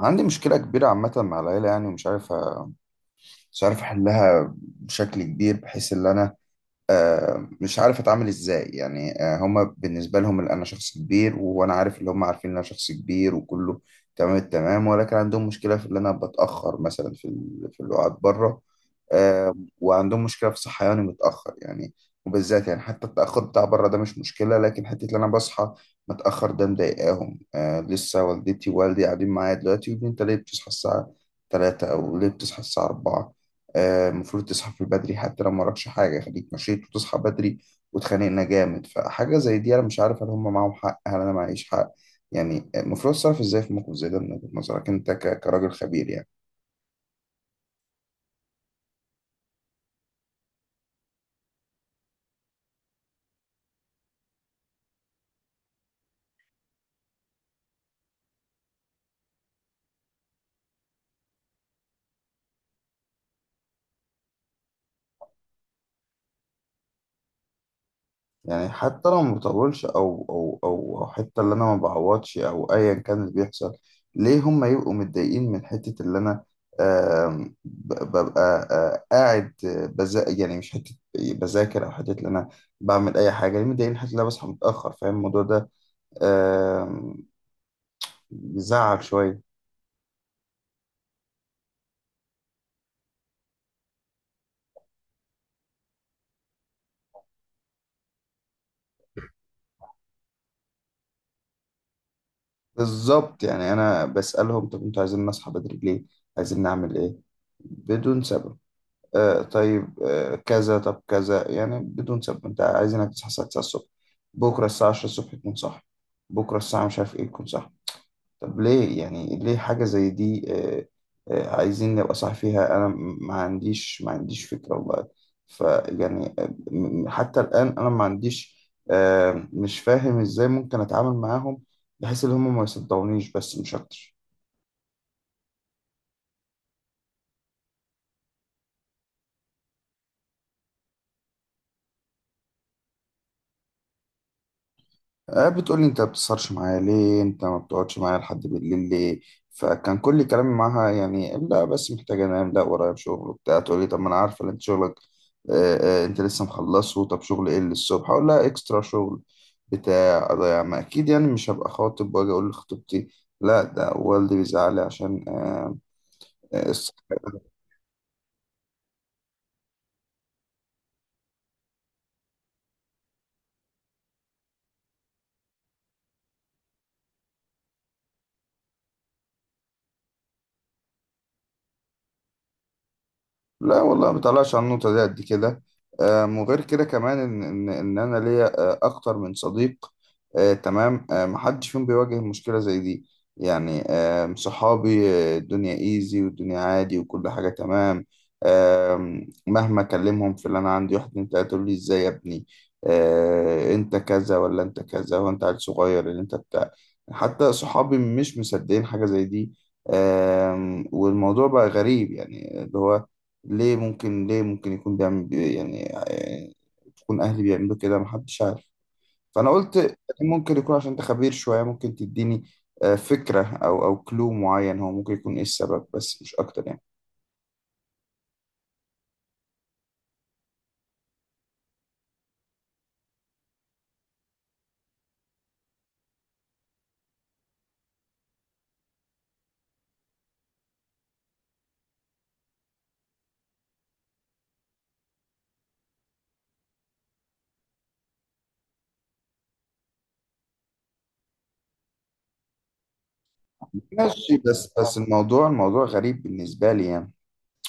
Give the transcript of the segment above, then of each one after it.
عندي مشكلة كبيرة عامة مع العيلة يعني ومش عارف مش عارف أحلها بشكل كبير بحيث إن أنا مش عارف اتعامل ازاي يعني. هما بالنسبه لهم اللي انا شخص كبير وانا عارف اللي هما عارفين ان انا شخص كبير وكله تمام التمام، ولكن عندهم مشكله في ان انا بتاخر مثلا في اللقاءات بره. آه، وعندهم مشكله في صحياني متاخر يعني، وبالذات يعني حتى التاخر بتاع بره ده مش مشكله، لكن حته ان انا بصحى متاخر ده مضايقاهم. لسه والدتي ووالدي قاعدين معايا دلوقتي يقولوا لي انت ليه بتصحى الساعه 3 او ليه بتصحى الساعه 4؟ المفروض تصحى في بدري، حتى لو وراكش حاجة خليك مشيت وتصحى بدري. واتخانقنا جامد، فحاجة زي دي أنا مش عارف هل هم معاهم حق هل أنا معيش حق. يعني المفروض أتصرف إزاي في موقف زي ده من وجهة نظرك أنت كراجل خبير يعني؟ يعني حتى لو ما بطولش أو حتى اللي أنا ما بعوضش أو أيا كان اللي بيحصل، ليه هم يبقوا متضايقين من حتة اللي أنا ببقى قاعد بذا، يعني مش حتة بذاكر أو حتة اللي أنا بعمل أي حاجة؟ ليه متضايقين حتى لو أنا بصحى متأخر؟ فاهم الموضوع ده آه، يزعل شوية. بالظبط، يعني أنا بسألهم طب أنتوا عايزين نصحى بدري ليه؟ عايزين نعمل إيه؟ بدون سبب. طيب، كذا طب كذا، يعني بدون سبب أنت عايزينك تصحى الساعة 9 الصبح، بكرة الساعة 10 الصبح تكون صاحي، بكرة الساعة مش عارف إيه تكون صاحي. طب ليه؟ يعني ليه حاجة زي دي؟ عايزين نبقى صح فيها، أنا ما عنديش فكرة والله. فيعني حتى الآن أنا ما عنديش، مش فاهم إزاي ممكن أتعامل معاهم بحيث إن هم ما يصدقونيش، بس مش أكتر. بتقولي انت ما بتسهرش معايا ليه، انت ما بتقعدش معايا لحد بالليل ليه. فكان كل كلامي معاها يعني لا بس محتاجة انام، لا ورايا شغل وبتاع، تقولي طب ما انا عارفة ان انت شغلك انت لسه مخلصه، طب شغل ايه اللي الصبح؟ اقول لها اكسترا شغل بتاع اضيع ما، اكيد يعني مش هبقى خاطب واجي اقول لخطيبتي لا ده والدي بيزعلي عشان الصحة. لا والله، ما بطلعش على النقطة دي قد كده. وغير كده كمان إن أنا ليا أكتر من صديق تمام. محدش فيهم بيواجه مشكلة زي دي يعني. صحابي الدنيا إيزي والدنيا عادي وكل حاجة تمام. مهما أكلمهم في اللي أنا عندي، واحد اتنين تلاتة يقول لي إزاي يا ابني أنت كذا ولا أنت كذا وأنت عيل صغير اللي أنت بتاع. حتى صحابي مش مصدقين حاجة زي دي. والموضوع بقى غريب، يعني اللي هو ليه ممكن يكون يعني تكون أهلي بيعملوا كده، محدش عارف. فأنا قلت ممكن يكون عشان أنت خبير شوية، ممكن تديني فكرة أو كلو معين هو ممكن يكون إيه السبب، بس مش أكتر يعني. ماشي، بس الموضوع غريب بالنسبة لي يعني،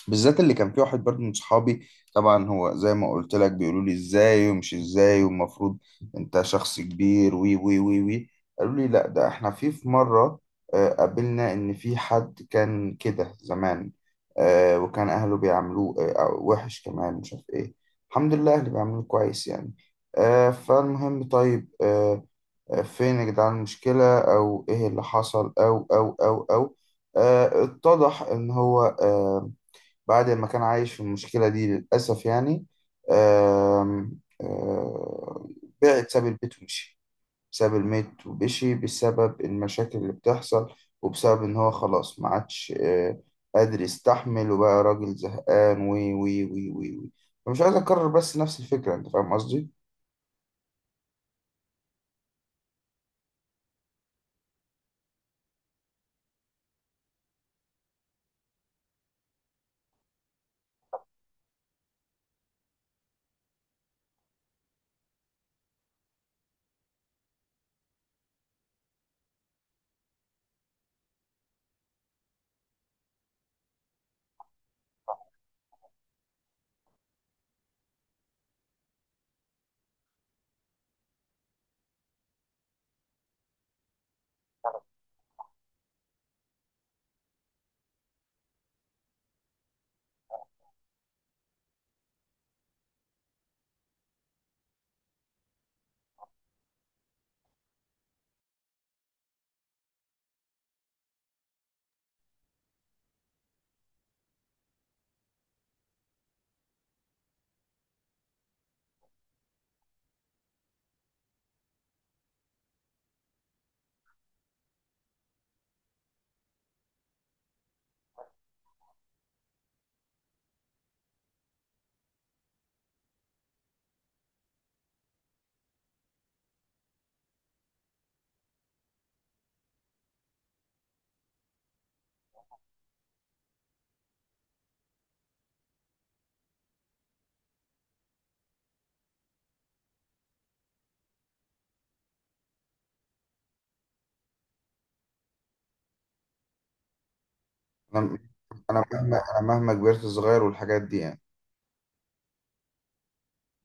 بالذات اللي كان في واحد برضو من صحابي. طبعا هو زي ما قلت لك بيقولوا لي ازاي ومش ازاي والمفروض انت شخص كبير وي وي وي وي قالوا لي لا ده احنا في مرة قابلنا ان في حد كان كده زمان، وكان اهله بيعملوه وحش كمان مش عارف ايه. الحمد لله اهلي بيعملوه كويس يعني. فالمهم طيب، فين يا جدعان المشكلة او ايه اللي حصل او اتضح ان هو، بعد ما كان عايش في المشكلة دي للأسف يعني، آم، آه، بعد ساب البيت ومشي. ساب البيت ومشي بسبب المشاكل اللي بتحصل، وبسبب إن هو خلاص ما عادش قادر يستحمل، وبقى راجل زهقان وي وي وي وي وي فمش عايز أكرر بس نفس الفكرة. أنت فاهم قصدي؟ أنا أنا مهما كبرت صغير، والحاجات دي يعني.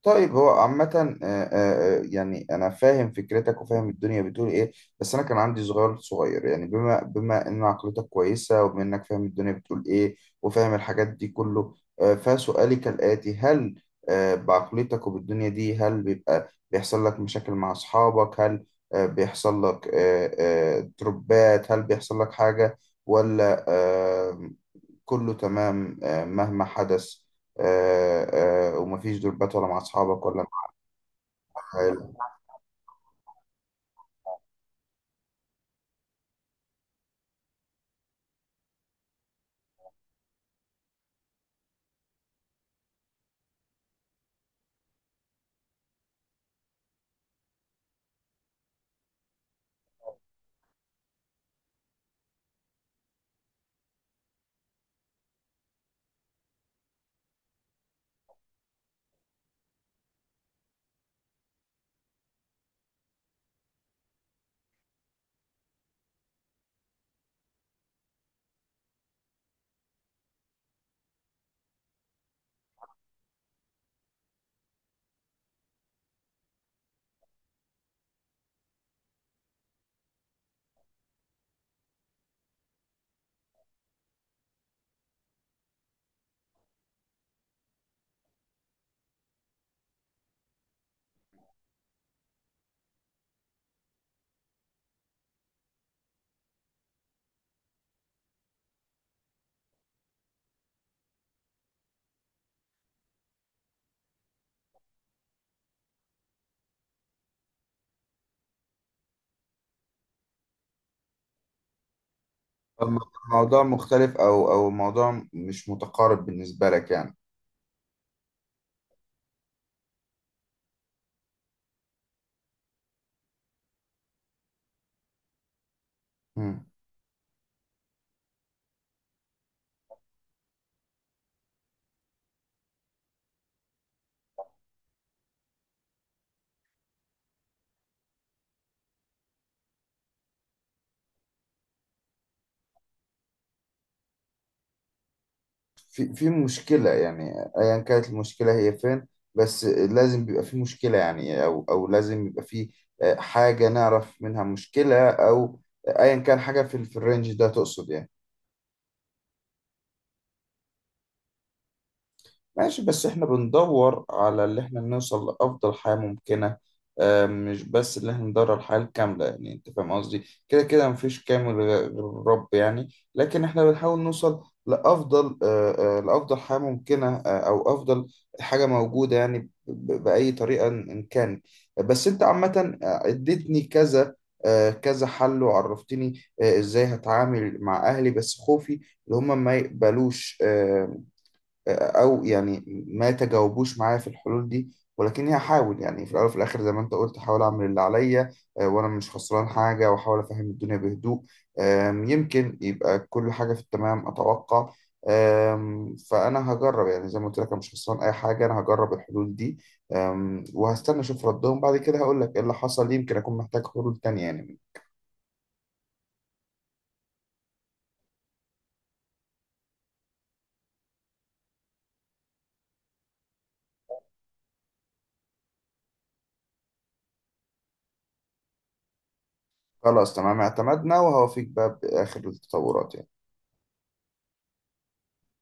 طيب هو عامة يعني أنا فاهم فكرتك وفاهم الدنيا بتقول إيه، بس أنا كان عندي صغير صغير يعني، بما إن عقلتك كويسة وبما إنك فاهم الدنيا بتقول إيه وفاهم الحاجات دي كله. فسؤالي كالآتي، هل بعقلتك وبالدنيا دي هل بيبقى بيحصل لك مشاكل مع أصحابك، هل بيحصل لك تربات، هل بيحصل لك حاجة ولا آمم، كله تمام مهما حدث، ومفيش دربات ولا مع أصحابك ولا مع العيلة؟ الم- الموضوع مختلف أو الموضوع مش متقارب بالنسبة لك يعني. مم. في مشكلة يعني أيا كانت المشكلة هي فين، بس لازم بيبقى في مشكلة يعني، أو لازم يبقى في حاجة نعرف منها مشكلة، أو أيا كان حاجة في الرينج ده تقصد يعني. ماشي، بس احنا بندور على اللي احنا نوصل لأفضل حياة ممكنة مش بس اللي احنا ندور على الحياة الكاملة يعني، انت فاهم قصدي. كده كده مفيش كامل غير الرب يعني، لكن احنا بنحاول نوصل لأفضل لأفضل حياة ممكنة أو أفضل حاجة موجودة يعني بأي طريقة إن كان. بس انت عامة اديتني كذا كذا حل وعرفتني ازاي هتعامل مع أهلي، بس خوفي اللي هم ما يقبلوش او يعني ما تجاوبوش معايا في الحلول دي. ولكني هحاول يعني في الاول وفي الاخر زي ما انت قلت، هحاول اعمل اللي عليا وانا مش خسران حاجه، واحاول افهم الدنيا بهدوء. يمكن يبقى كل حاجه في التمام اتوقع. فانا هجرب يعني زي ما قلت لك، انا مش خسران اي حاجه، انا هجرب الحلول دي. وهستنى اشوف ردهم بعد كده، هقول لك ايه اللي حصل، يمكن اكون محتاج حلول تانية يعني. خلاص تمام، اعتمدنا وهوافيك بقى باخر التطورات يعني.